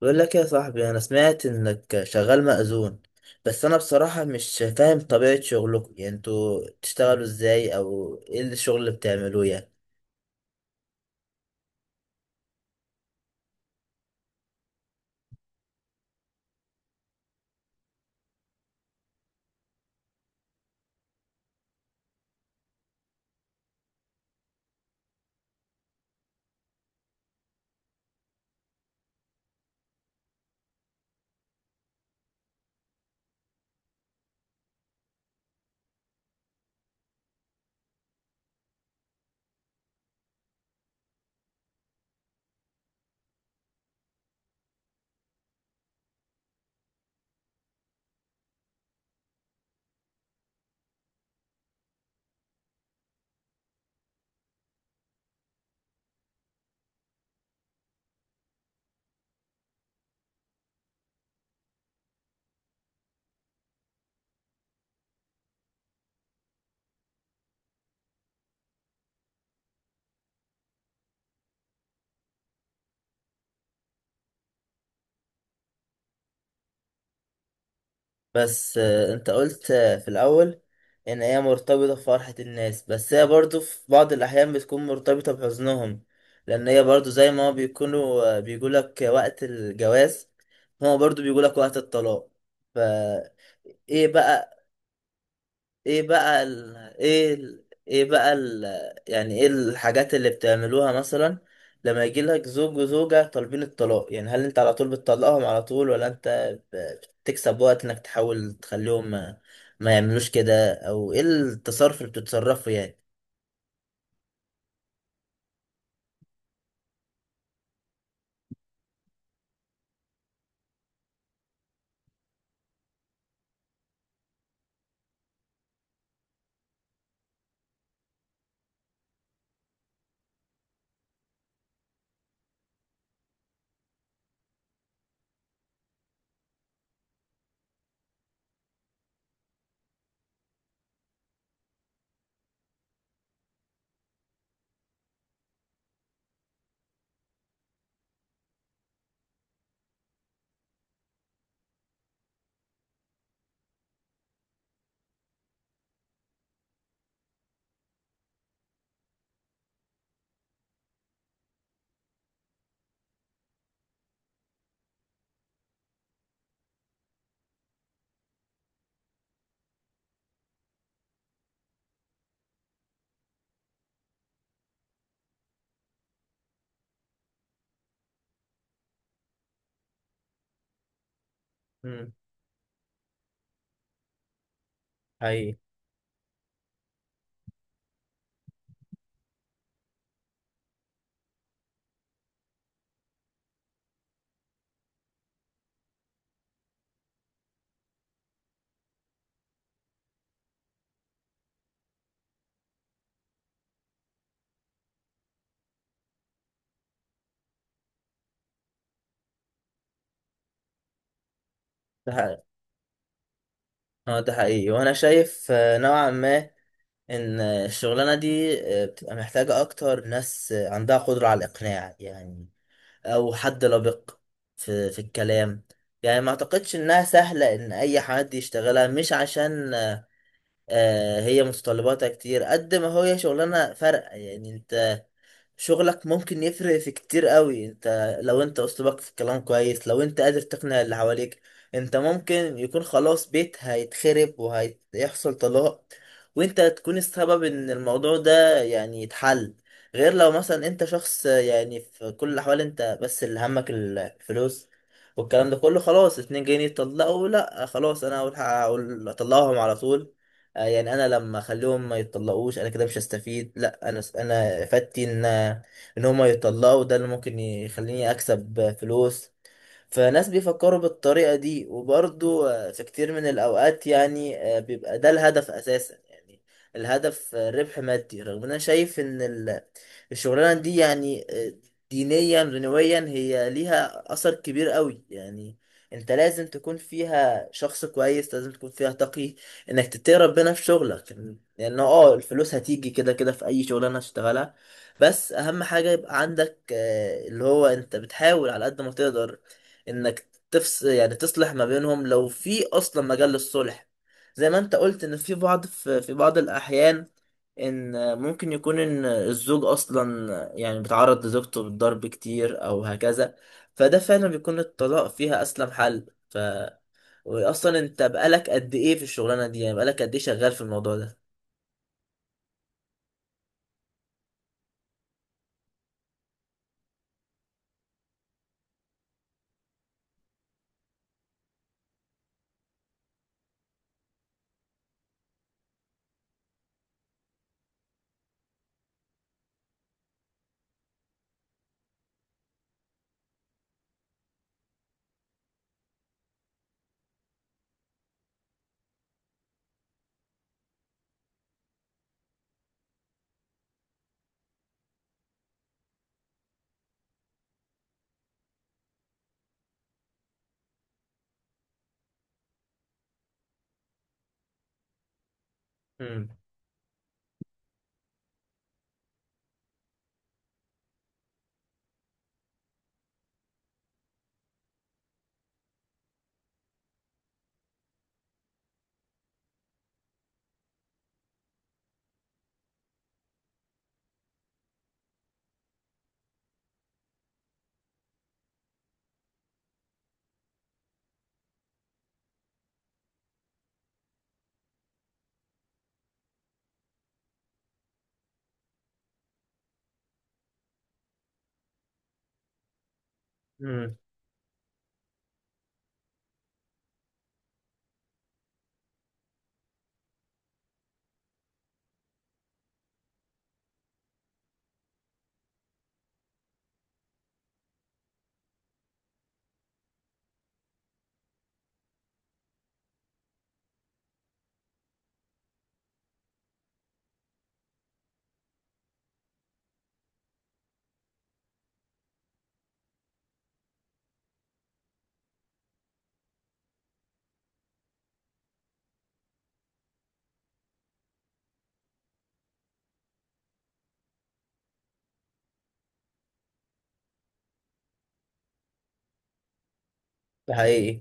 بقول لك يا صاحبي، انا سمعت انك شغال مأذون. بس انا بصراحة مش فاهم طبيعة شغلكم، يعني انتوا بتشتغلوا ازاي او ايه الشغل اللي بتعملوه يعني؟ بس انت قلت في الاول ان هي مرتبطة بفرحة الناس، بس هي برضو في بعض الاحيان بتكون مرتبطة بحزنهم، لان هي برضو زي ما هو بيكونوا بيقولك وقت الجواز، هما برضو بيقولك وقت الطلاق. ف ايه بقى؟ ايه بقى؟ يعني ايه الحاجات اللي بتعملوها مثلا لما يجي لك زوج وزوجة طالبين الطلاق؟ يعني هل انت على طول بتطلقهم على طول، ولا انت بتكسب وقت انك تحاول تخليهم ما يعملوش كده، او ايه التصرف اللي بتتصرفه يعني؟ امم، حقيقي. ده حقيقي، اه ده حقيقي. وانا شايف نوعا ما ان الشغلانة دي بتبقى محتاجة اكتر ناس عندها قدرة على الاقناع يعني، او حد لبق في الكلام. يعني ما اعتقدش انها سهلة ان اي حد يشتغلها، مش عشان هي متطلباتها كتير، قد ما هي شغلانة فرق. يعني انت شغلك ممكن يفرق في كتير قوي، انت لو انت اسلوبك في الكلام كويس، لو انت قادر تقنع اللي حواليك، انت ممكن يكون خلاص بيت هيتخرب وهيحصل طلاق، وانت تكون السبب ان الموضوع ده يعني يتحل. غير لو مثلا انت شخص، يعني في كل الاحوال انت بس اللي همك الفلوس والكلام ده كله، خلاص اتنين جايين يتطلقوا، لا خلاص انا اطلقهم على طول. يعني انا لما اخليهم ما يتطلقوش انا كده مش هستفيد، لا انا افادتي ان ان هم يتطلقوا، ده اللي ممكن يخليني اكسب فلوس. فناس بيفكروا بالطريقة دي، وبرضو في كتير من الأوقات يعني بيبقى ده الهدف أساسا، يعني الهدف ربح مادي. رغم إن أنا شايف إن الشغلانة دي يعني دينيا دنيويا هي ليها أثر كبير قوي يعني. انت لازم تكون فيها شخص كويس، لازم تكون فيها تقي، انك تتقي ربنا في شغلك. لان اه الفلوس هتيجي كده كده في اي شغلانه هتشتغلها، بس اهم حاجه يبقى عندك اللي هو انت بتحاول على قد ما تقدر انك يعني تصلح ما بينهم، لو في اصلا مجال للصلح. زي ما انت قلت ان في بعض في بعض الاحيان ان ممكن يكون ان الزوج اصلا يعني بيتعرض لزوجته بالضرب كتير او هكذا، فده فعلا بيكون الطلاق فيها اسلم حل. واصلا انت بقالك قد ايه في الشغلانه دي؟ يعني بقالك قد ايه شغال في الموضوع ده؟ امم. امم، ده حقيقي.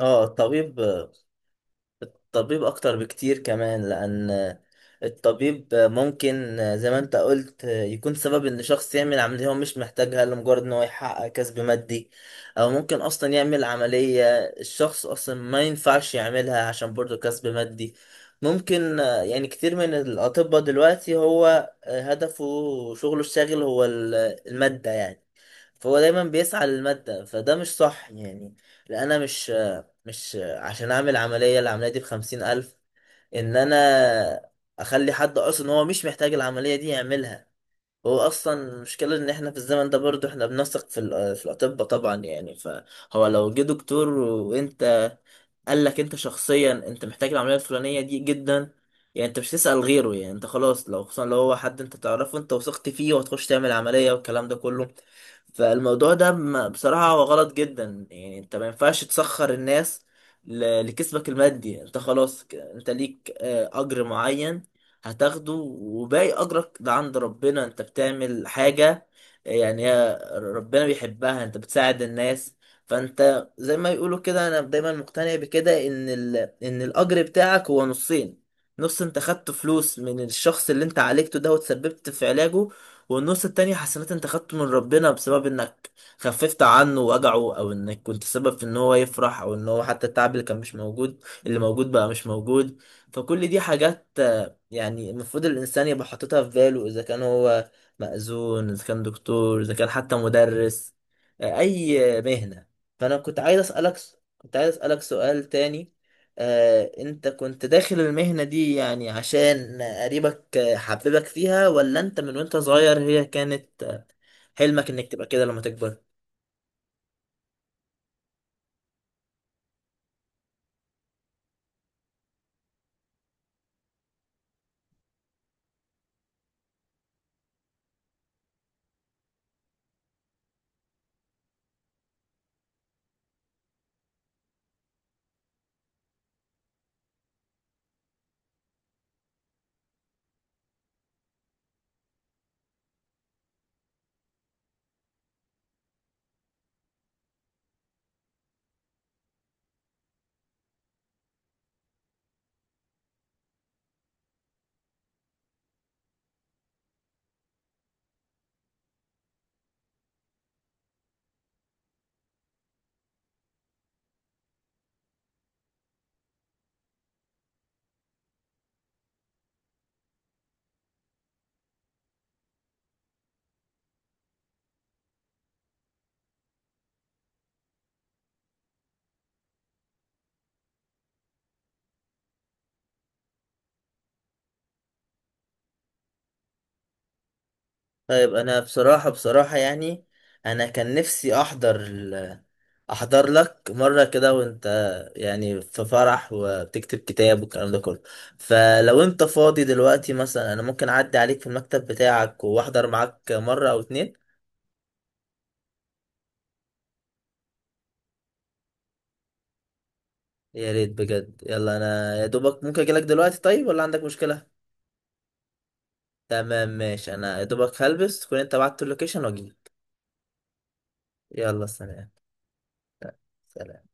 اه الطبيب، طبيب أكتر بكتير كمان. لأن الطبيب ممكن زي ما أنت قلت يكون سبب إن شخص يعمل عملية هو مش محتاجها، لمجرد إن هو يحقق كسب مادي. أو ممكن أصلا يعمل عملية الشخص أصلا ما ينفعش يعملها، عشان برضه كسب مادي. ممكن يعني كتير من الأطباء دلوقتي هو هدفه، شغله الشاغل هو المادة يعني، فهو دايما بيسعى للمادة، فده مش صح يعني. لأن أنا مش عشان اعمل عملية، العملية دي بخمسين الف، ان انا اخلي حد اصلا هو مش محتاج العملية دي يعملها. هو اصلا المشكله ان احنا في الزمن ده برضو احنا بنثق في في الاطباء طبعا يعني. فهو لو جه دكتور، وانت قال لك انت شخصيا انت محتاج العمليه الفلانيه دي جدا، يعني انت مش تسال غيره، يعني انت خلاص، لو خصوصا لو هو حد انت تعرفه، انت وثقت فيه، وهتخش تعمل عمليه والكلام ده كله. فالموضوع ده بصراحه هو غلط جدا يعني. انت ما ينفعش تسخر الناس لكسبك المادي. انت خلاص انت ليك اجر معين هتاخده، وباقي أجرك ده عند ربنا. أنت بتعمل حاجة يعني هي ربنا بيحبها، أنت بتساعد الناس. فأنت زي ما يقولوا كده، أنا دايما مقتنع بكده إن إن الأجر بتاعك هو نصين: نص أنت خدت فلوس من الشخص اللي أنت عالجته ده وتسببت في علاجه، والنص التاني حسنات أنت خدته من ربنا بسبب إنك خففت عنه وجعه، أو إنك كنت سبب في إن هو يفرح، أو إن هو حتى التعب اللي كان مش موجود اللي موجود بقى مش موجود. فكل دي حاجات يعني المفروض الإنسان يبقى حاططها في باله، إذا كان هو مأذون، إذا كان دكتور، إذا كان حتى مدرس، أي مهنة. فأنا كنت عايز أسألك، كنت عايز أسألك سؤال تاني. أنت كنت داخل المهنة دي يعني عشان قريبك حببك فيها، ولا أنت من وأنت صغير هي كانت حلمك إنك تبقى كده لما تكبر؟ طيب انا بصراحة بصراحة يعني انا كان نفسي احضر احضر لك مرة كده وانت يعني في فرح وبتكتب كتاب والكلام ده كله. فلو انت فاضي دلوقتي مثلا، انا ممكن اعدي عليك في المكتب بتاعك واحضر معاك مرة او اتنين. يا ريت بجد. يلا انا يا دوبك ممكن اجيلك دلوقتي طيب، ولا عندك مشكلة؟ تمام ماشي، انا يا دوبك هلبس تكون انت بعت اللوكيشن واجيلك. يلا سلام. سلام.